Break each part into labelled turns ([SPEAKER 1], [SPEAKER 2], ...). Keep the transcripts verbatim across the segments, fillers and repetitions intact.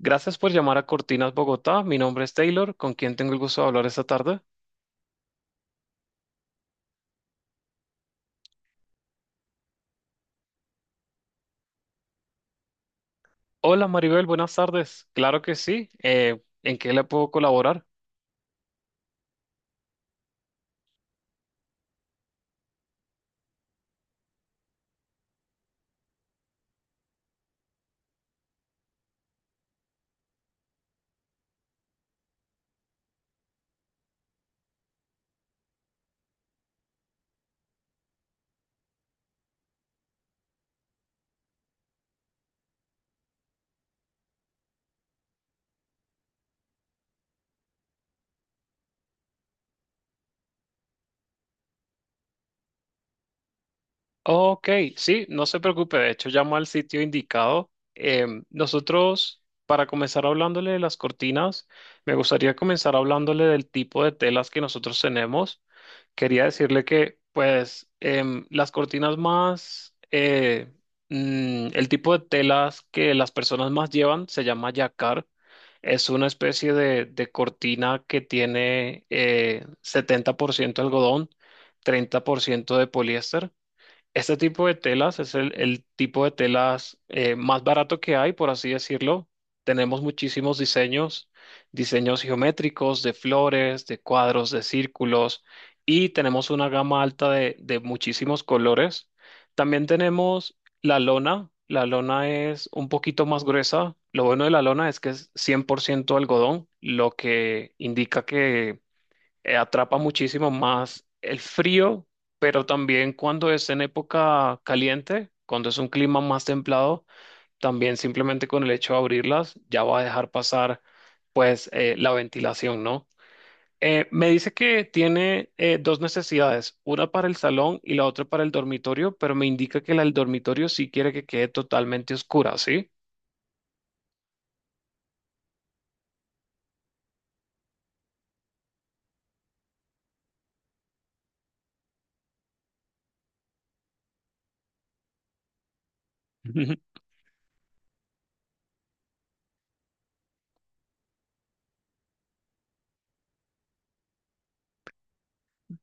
[SPEAKER 1] Gracias por llamar a Cortinas Bogotá. Mi nombre es Taylor, ¿con quien tengo el gusto de hablar esta tarde? Hola Maribel, buenas tardes. Claro que sí. Eh, ¿en qué le puedo colaborar? Ok, sí, no se preocupe. De hecho, llamo al sitio indicado. Em, nosotros, para comenzar hablándole de las cortinas, me gustaría comenzar hablándole del tipo de telas que nosotros tenemos. Quería decirle que, pues, em, las cortinas más, eh, mm, el tipo de telas que las personas más llevan se llama yacar. Es una especie de, de cortina que tiene eh, setenta por ciento algodón, treinta por ciento de poliéster. Este tipo de telas es el, el tipo de telas eh, más barato que hay, por así decirlo. Tenemos muchísimos diseños, diseños geométricos, de flores, de cuadros, de círculos, y tenemos una gama alta de, de muchísimos colores. También tenemos la lona. La lona es un poquito más gruesa. Lo bueno de la lona es que es cien por ciento algodón, lo que indica que eh, atrapa muchísimo más el frío, pero también cuando es en época caliente, cuando es un clima más templado, también simplemente con el hecho de abrirlas ya va a dejar pasar pues eh, la ventilación, ¿no? Eh, me dice que tiene eh, dos necesidades, una para el salón y la otra para el dormitorio, pero me indica que la del dormitorio sí quiere que quede totalmente oscura, ¿sí?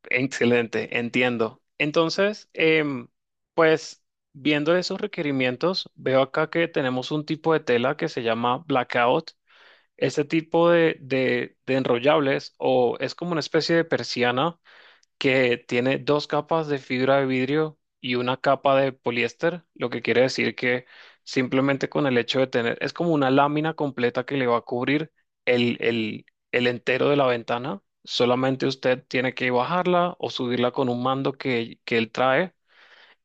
[SPEAKER 1] Excelente, entiendo. Entonces, em, pues viendo esos requerimientos, veo acá que tenemos un tipo de tela que se llama blackout. Este tipo de, de, de enrollables o es como una especie de persiana que tiene dos capas de fibra de vidrio y una capa de poliéster, lo que quiere decir que simplemente con el hecho de tener, es como una lámina completa que le va a cubrir el, el, el entero de la ventana. Solamente usted tiene que bajarla o subirla con un mando que, que él trae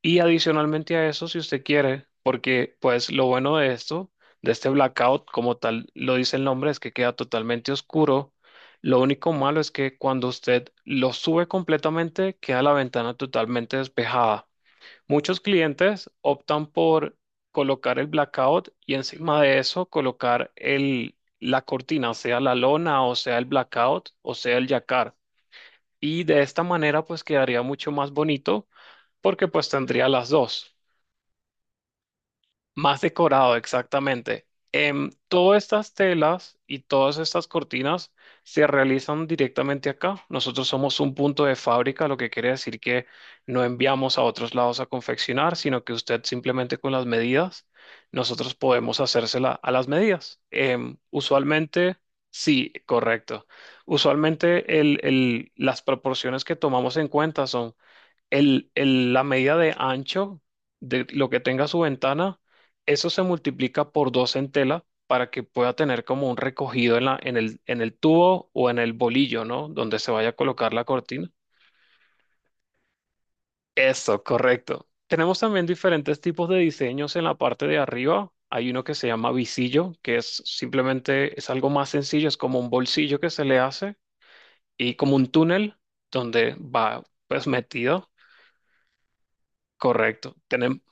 [SPEAKER 1] y adicionalmente a eso, si usted quiere, porque pues lo bueno de esto, de este blackout, como tal lo dice el nombre, es que queda totalmente oscuro. Lo único malo es que cuando usted lo sube completamente, queda la ventana totalmente despejada. Muchos clientes optan por colocar el blackout y encima de eso colocar el, la cortina, sea la lona o sea el blackout o sea el yacar. Y de esta manera pues quedaría mucho más bonito porque pues tendría las dos. Más decorado, exactamente. Em, todas estas telas y todas estas cortinas se realizan directamente acá. Nosotros somos un punto de fábrica, lo que quiere decir que no enviamos a otros lados a confeccionar, sino que usted simplemente con las medidas, nosotros podemos hacérsela a las medidas. Em, usualmente, sí, correcto. Usualmente el- el- las proporciones que tomamos en cuenta son el- el- la medida de ancho de lo que tenga su ventana, eso se multiplica por dos en tela para que pueda tener como un recogido en la, en el, en el tubo o en el bolillo, ¿no? Donde se vaya a colocar la cortina. Eso, correcto. Tenemos también diferentes tipos de diseños en la parte de arriba. Hay uno que se llama visillo, que es simplemente, es algo más sencillo, es como un bolsillo que se le hace y como un túnel donde va pues metido. Correcto. Tenemos...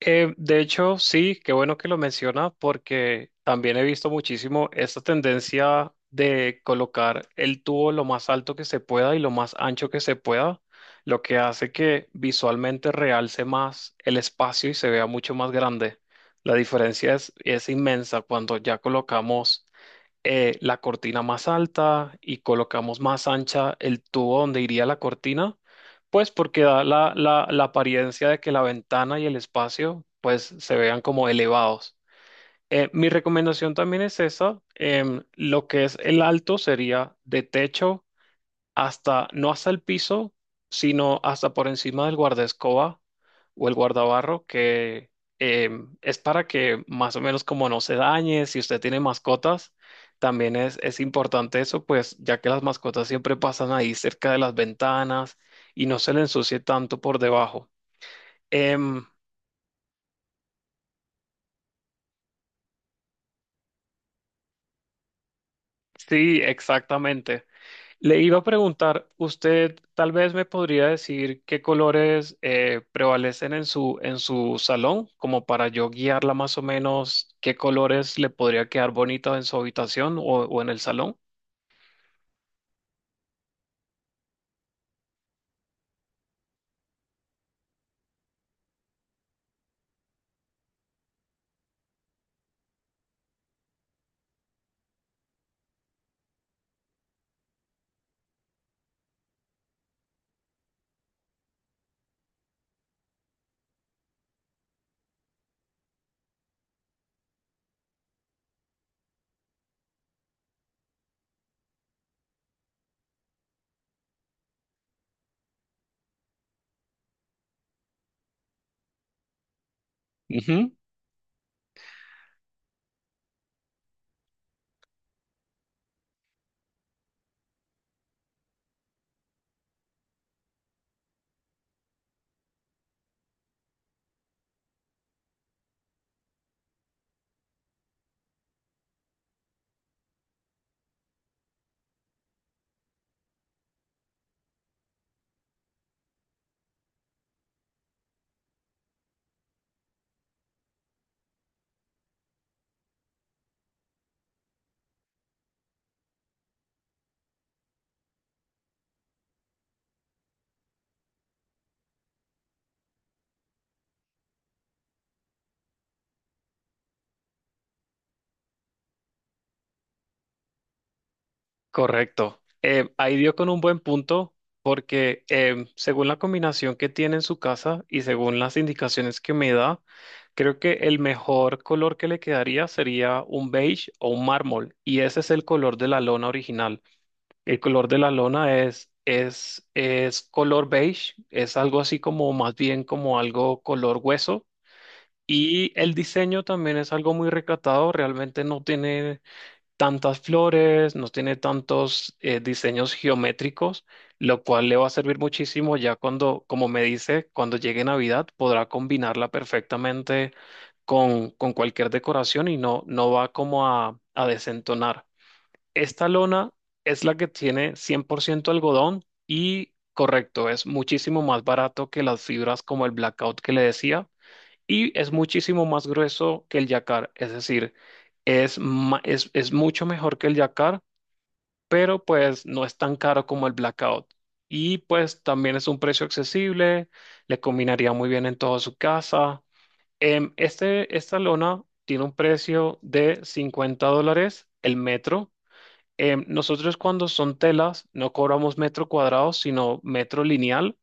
[SPEAKER 1] Eh, de hecho, sí, qué bueno que lo menciona porque también he visto muchísimo esta tendencia de colocar el tubo lo más alto que se pueda y lo más ancho que se pueda, lo que hace que visualmente realce más el espacio y se vea mucho más grande. La diferencia es, es inmensa cuando ya colocamos eh, la cortina más alta y colocamos más ancha el tubo donde iría la cortina, pues porque da la, la, la apariencia de que la ventana y el espacio pues se vean como elevados. Eh, mi recomendación también es esa, em, lo que es el alto sería de techo hasta, no hasta el piso, sino hasta por encima del guardaescoba o el guardabarro, que em, es para que más o menos como no se dañe, si usted tiene mascotas, también es, es importante eso, pues ya que las mascotas siempre pasan ahí cerca de las ventanas y no se le ensucie tanto por debajo. Em, sí, exactamente. Le iba a preguntar, usted tal vez me podría decir qué colores eh, prevalecen en su, en su salón, como para yo guiarla más o menos, qué colores le podría quedar bonito en su habitación o, o en el salón. Ujú, correcto. Eh, ahí dio con un buen punto, porque em, según la combinación que tiene en su casa y según las indicaciones que me da, creo que el mejor color que le quedaría sería un beige o un mármol, y ese es el color de la lona original. El color de la lona es, es, es color beige, es algo así como más bien como algo color hueso. Y el diseño también es algo muy recatado, realmente no tiene tantas flores, no tiene tantos eh, diseños geométricos, lo cual le va a servir muchísimo ya cuando, como me dice, cuando llegue Navidad podrá combinarla perfectamente con, con cualquier decoración y no, no va como a, a desentonar. Esta lona es la que tiene cien por ciento algodón y correcto, es muchísimo más barato que las fibras como el blackout que le decía y es muchísimo más grueso que el yacar, es decir, es, ma- es, es mucho mejor que el yacar, pero pues no es tan caro como el blackout. Y pues también es un precio accesible, le combinaría muy bien en toda su casa. Em, este, esta lona tiene un precio de cincuenta dólares el metro. Eh, nosotros cuando son telas no cobramos metro cuadrado, sino metro lineal,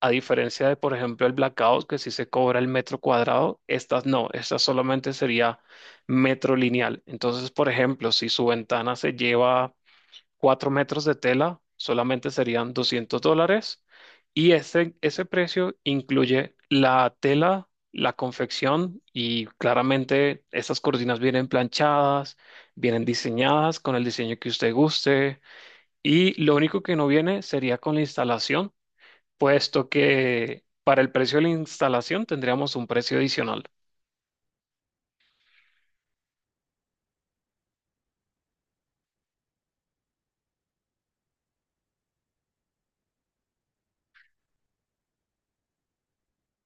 [SPEAKER 1] a diferencia de, por ejemplo, el blackout, que sí se cobra el metro cuadrado, estas no, estas solamente sería metro lineal. Entonces, por ejemplo, si su ventana se lleva cuatro metros de tela solamente serían doscientos dólares y ese, ese precio incluye la tela, la confección y claramente esas cortinas vienen planchadas, vienen diseñadas con el diseño que usted guste y lo único que no viene sería con la instalación, puesto que para el precio de la instalación tendríamos un precio adicional.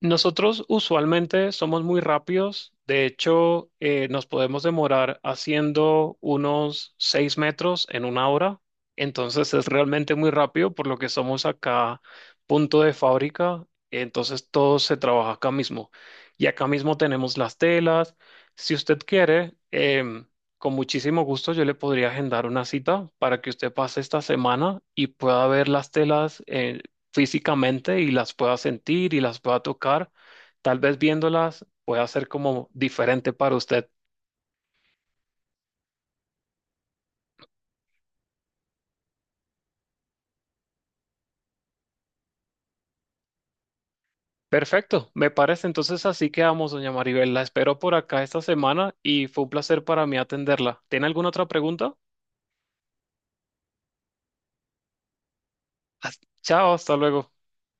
[SPEAKER 1] Nosotros usualmente somos muy rápidos, de hecho eh, nos podemos demorar haciendo unos seis metros en una hora, entonces es realmente muy rápido por lo que somos acá punto de fábrica, entonces todo se trabaja acá mismo. Y acá mismo tenemos las telas, si usted quiere, em, con muchísimo gusto yo le podría agendar una cita para que usted pase esta semana y pueda ver las telas eh, físicamente y las pueda sentir y las pueda tocar. Tal vez viéndolas pueda ser como diferente para usted. Perfecto, me parece. Entonces así quedamos, doña Maribel. La espero por acá esta semana y fue un placer para mí atenderla. ¿Tiene alguna otra pregunta? Hasta- Chao, hasta luego.